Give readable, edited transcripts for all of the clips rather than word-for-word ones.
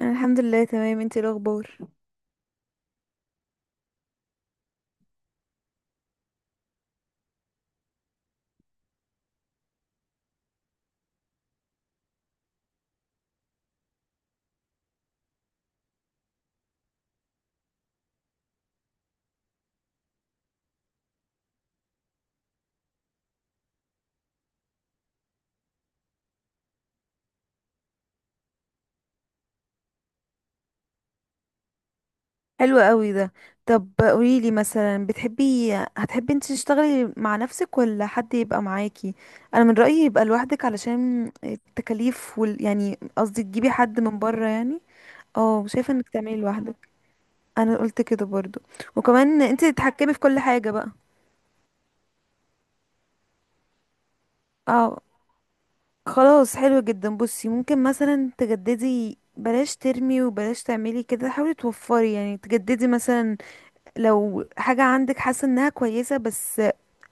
أنا الحمد لله تمام. انتي إيه الاخبار؟ حلو قوي ده. طب قوليلي مثلا، بتحبي انتي تشتغلي مع نفسك ولا حد يبقى معاكي؟ انا من رأيي يبقى لوحدك علشان التكاليف يعني قصدي تجيبي حد من بره يعني. اه، شايفه انك تعملي لوحدك. انا قلت كده برضو. وكمان انتي تتحكمي في كل حاجه بقى. اه، خلاص، حلو جدا. بصي، ممكن مثلا تجددي، بلاش ترمي وبلاش تعملي كده، حاولي توفري، يعني تجددي مثلا لو حاجة عندك حاسة انها كويسة بس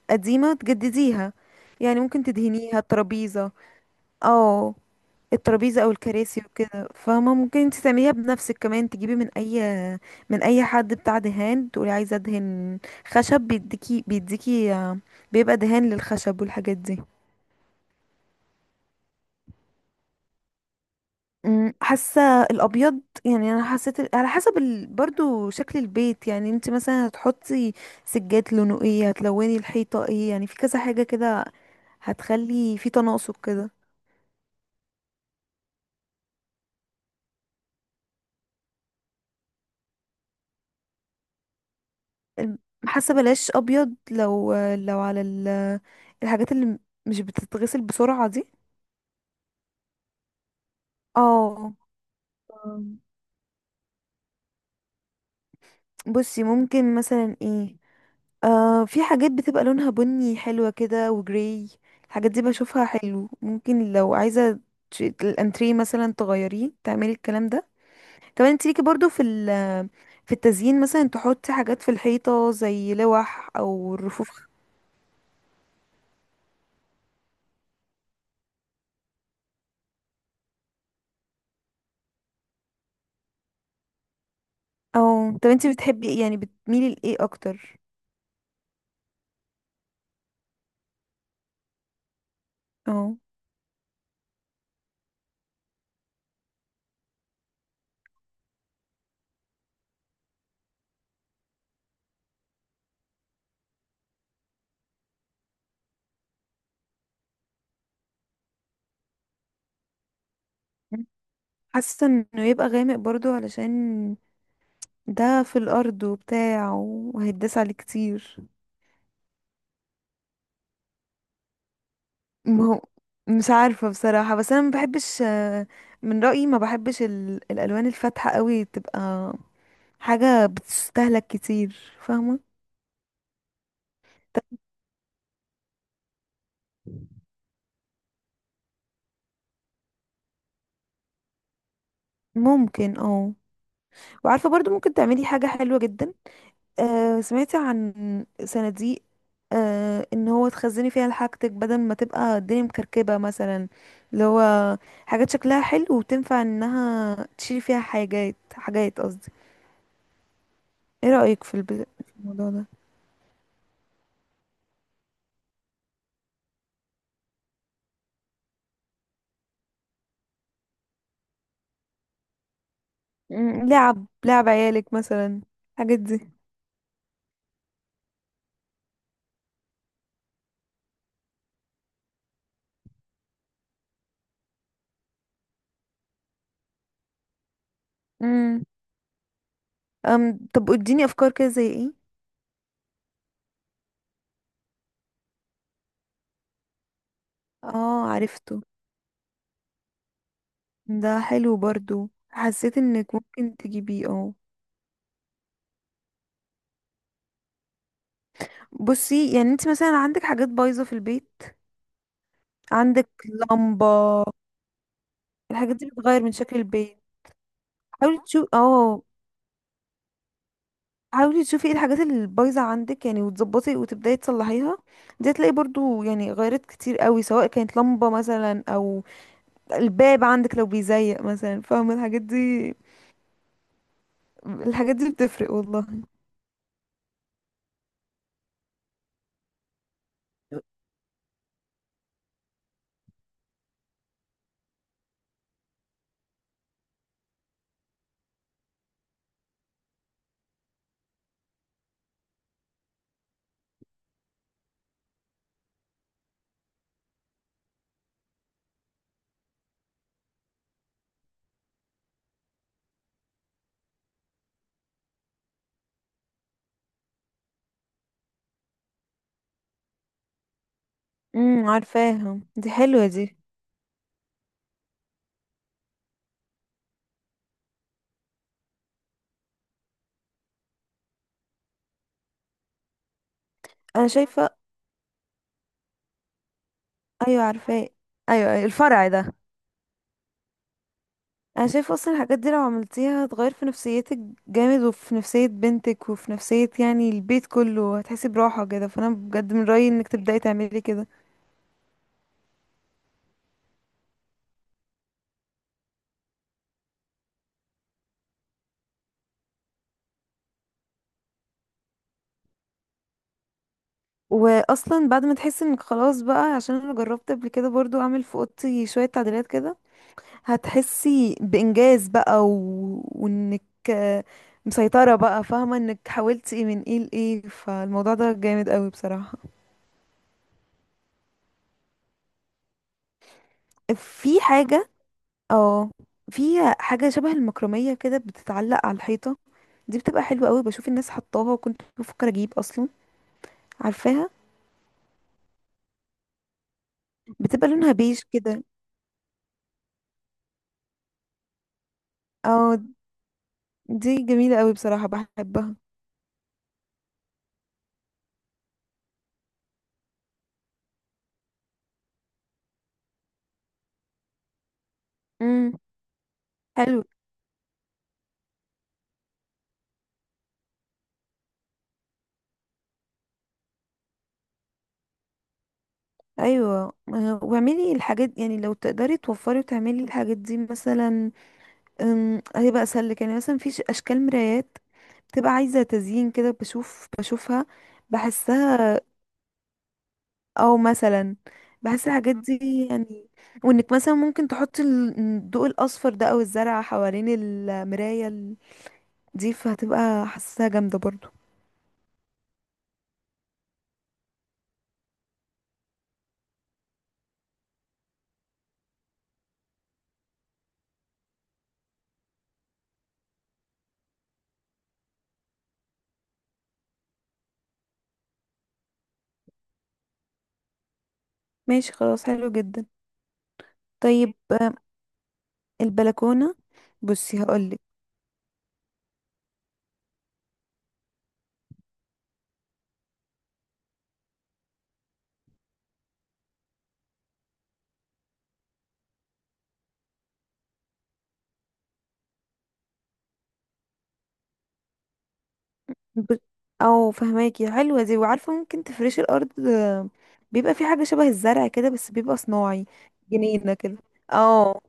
قديمة، تجدديها. يعني ممكن تدهنيها الترابيزة، اه، الترابيزة او الكراسي وكده، فاهمة؟ ممكن انت تعمليها بنفسك. كمان تجيبي من من اي حد بتاع دهان تقولي عايزة ادهن خشب بيديكي. بيديكي بيبقى دهان للخشب والحاجات دي. حاسة الابيض. يعني انا حسيت على حسب برضو شكل البيت. يعني انت مثلا هتحطي سجاد لونه ايه، هتلوني الحيطة ايه، يعني في كذا حاجة كده هتخلي في تناسق كده. الم- حاسه بلاش ابيض، لو على الحاجات اللي مش بتتغسل بسرعه دي. اه. أم، بصي ممكن مثلا ايه، آه، في حاجات بتبقى لونها بني حلوة كده، وجراي. الحاجات دي بشوفها حلو. ممكن لو عايزة الانتريه مثلا تغيريه، تعملي الكلام ده. كمان انت ليكي برضو في التزيين مثلا تحطي حاجات في الحيطة زي لوح او رفوف. اه. طب انتي بتحبي ايه، يعني بتميلي لايه اكتر؟ اه، حاسه انه يبقى غامق برضو، علشان ده في الارض وبتاع، وهيتداس عليه كتير. ما هو مش عارفه بصراحه، بس انا ما بحبش، من رايي ما بحبش الالوان الفاتحه قوي، تبقى حاجه بتستهلك كتير، فاهمه؟ طب ممكن اه. وعارفه برضو ممكن تعملي حاجه حلوه جدا. آه، سمعتي عن صناديق؟ آه، ان هو تخزني فيها حاجتك بدل ما تبقى الدنيا مكركبة مثلا، اللي هو حاجات شكلها حلو وتنفع انها تشيلي فيها حاجات، حاجات قصدي. ايه رأيك في الموضوع ده؟ لعب، لعب عيالك مثلا، الحاجات دي. امم. أم، طب اديني افكار كده زي ايه. اه عرفته. ده حلو برضو. حسيت انك ممكن تجيبيه اه. بصي، يعني انت مثلا عندك حاجات بايظة في البيت، عندك لمبة، الحاجات دي بتغير من شكل البيت. حاولي تشوف اه، حاولي تشوفي ايه الحاجات اللي بايظة عندك يعني، وتظبطي وتبداي تصلحيها. دي هتلاقي برضو يعني غيرت كتير قوي، سواء كانت لمبة مثلا او الباب عندك لو بيزيق مثلا، فاهمة الحاجات دي؟ الحاجات دي بتفرق والله. امم، عارفاها دي، حلوة دي. انا شايفة. ايوه عارفاه. ايوه، أيوة، الفرع ده. انا شايفه اصلا الحاجات دي لو عملتيها، هتغير في نفسيتك جامد، وفي نفسيه بنتك، وفي نفسيه يعني البيت كله. هتحسي براحه كده، فانا بجد من رايي انك تبداي تعملي كده. واصلا بعد ما تحسي انك خلاص بقى، عشان انا جربت قبل كده برضو اعمل في اوضتي شويه تعديلات كده، هتحسي بانجاز بقى وانك آه، مسيطره بقى، فاهمه انك حاولتي من ايه لايه، فالموضوع ده جامد قوي بصراحه. في حاجه، اه، في حاجه شبه المكرميه كده، بتتعلق على الحيطه، دي بتبقى حلوة قوي. بشوف الناس حطاها، وكنت بفكر اجيب اصلا. عارفاها؟ بتبقى لونها بيج كده. اه، دي جميلة قوي بصراحة، بحبها. امم. حلو. ايوه واعملي الحاجات، يعني لو تقدري توفري وتعملي الحاجات دي مثلا، هيبقى اسهل لك. يعني مثلا في اشكال مرايات بتبقى عايزة تزيين كده، بشوف، بشوفها، بحسها. او مثلا بحس الحاجات دي يعني. وانك مثلا ممكن تحطي الضوء الاصفر ده او الزرع حوالين المراية دي، فهتبقى حاساها جامدة برضو. ماشي خلاص، حلو جدا. طيب البلكونة. بصي هقولك. ب... او فهماكي حلوة دي. وعارفة ممكن تفرشي الأرض، بيبقى في حاجة شبه الزرع كده، بس بيبقى صناعي، جنينة كده. اه،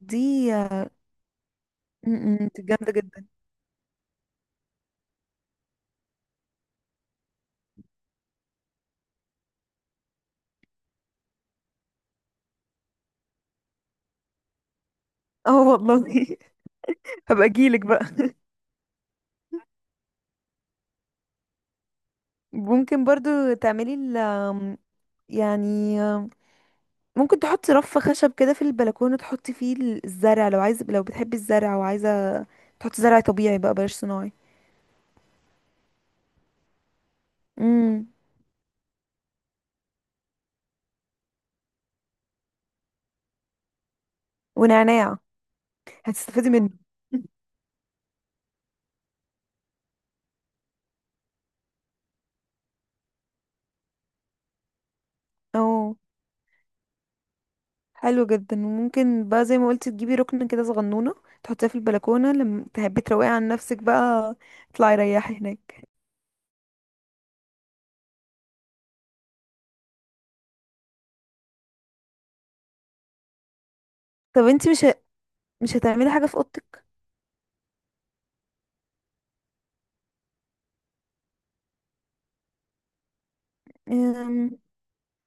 دي م- م، دي جامدة جدا. اه والله. هبقى اجيلك بقى. ممكن برضو تعملي ال يعني آم، ممكن تحطي رف خشب كده في البلكونة، تحطي فيه الزرع، لو عايزة، لو بتحبي الزرع وعايزة تحطي زرع طبيعي بقى، بلاش صناعي. امم. ونعناع، هتستفيدي منه. اه، حلو جدا. وممكن بقى زي ما قلت تجيبي ركن كده صغنونة، تحطيها في البلكونة لما تحبي تروقي عن نفسك بقى، اطلعي ريحي هناك. طب انتي مش هتعملي حاجة في اوضتك؟ أم،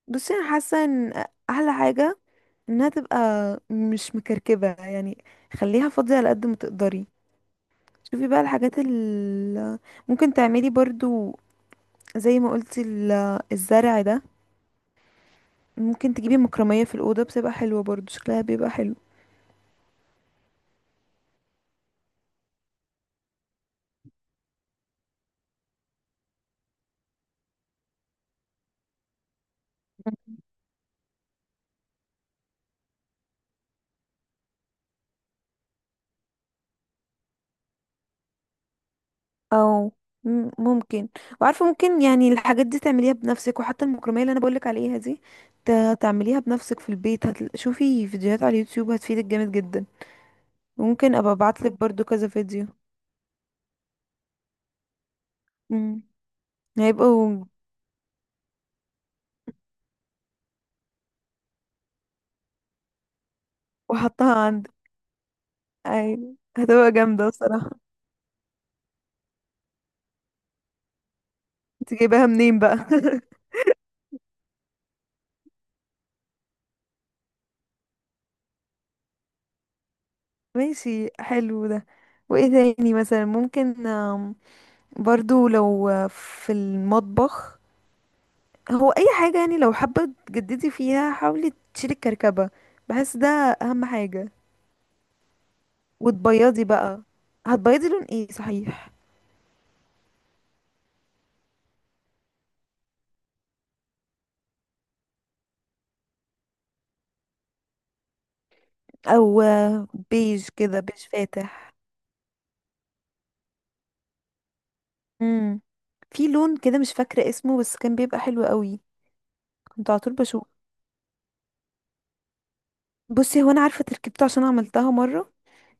بصي انا حاسة ان احلى حاجة انها تبقى مش مكركبة يعني. خليها فاضية على قد ما تقدري. شوفي بقى الحاجات ال ممكن تعملي برضو، زي ما قلتي الزرع ده، ممكن تجيبي مكرمية في الأوضة، بتبقى حلوة برضو، شكلها بيبقى حلو. او ممكن. وعارفه ممكن يعني الحاجات دي تعمليها بنفسك، وحتى المكرميه اللي انا بقولك عليها دي تعمليها بنفسك في البيت. شوفي فيديوهات على اليوتيوب، هتفيدك جامد جدا. ممكن ابقى ابعتلك برضو كذا فيديو. امم، هيبقوا. وحطها عند أي. هتبقى جامدة بصراحة، انت جايباها منين بقى؟ ماشي، حلو ده. وايه تاني مثلا ممكن، برضو لو في المطبخ. هو اي حاجة يعني لو حابة تجددي فيها، حاولي تشيلي الكركبة، بحس ده اهم حاجة. وتبيضي بقى. هتبيضي لون ايه صحيح؟ او بيج كده، بيج فاتح. امم. في لون كده مش فاكرة اسمه، بس كان بيبقى حلو قوي، كنت على طول بشوف. بصي هو انا عارفة تركيبته عشان عملتها مرة.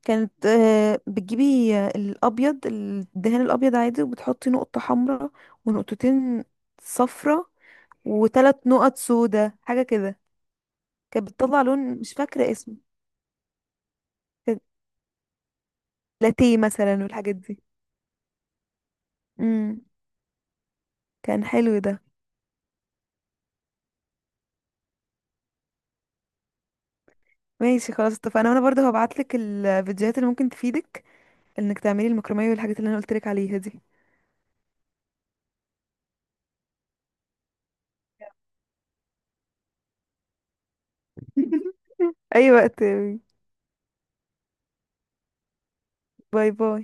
كانت بتجيبي الابيض، الدهان الابيض عادي، وبتحطي نقطة حمراء، ونقطتين صفرة، وثلاث نقط سودا، حاجة كده. كانت بتطلع لون مش فاكرة اسمه. كان لاتيه مثلا والحاجات دي. امم، كان حلو ده. ماشي خلاص، اتفقنا. وانا برضه هبعتلك الفيديوهات اللي ممكن تفيدك، انك تعملي المكرمية والحاجات اللي انا قلتلك عليها دي. اي وقت. باي باي.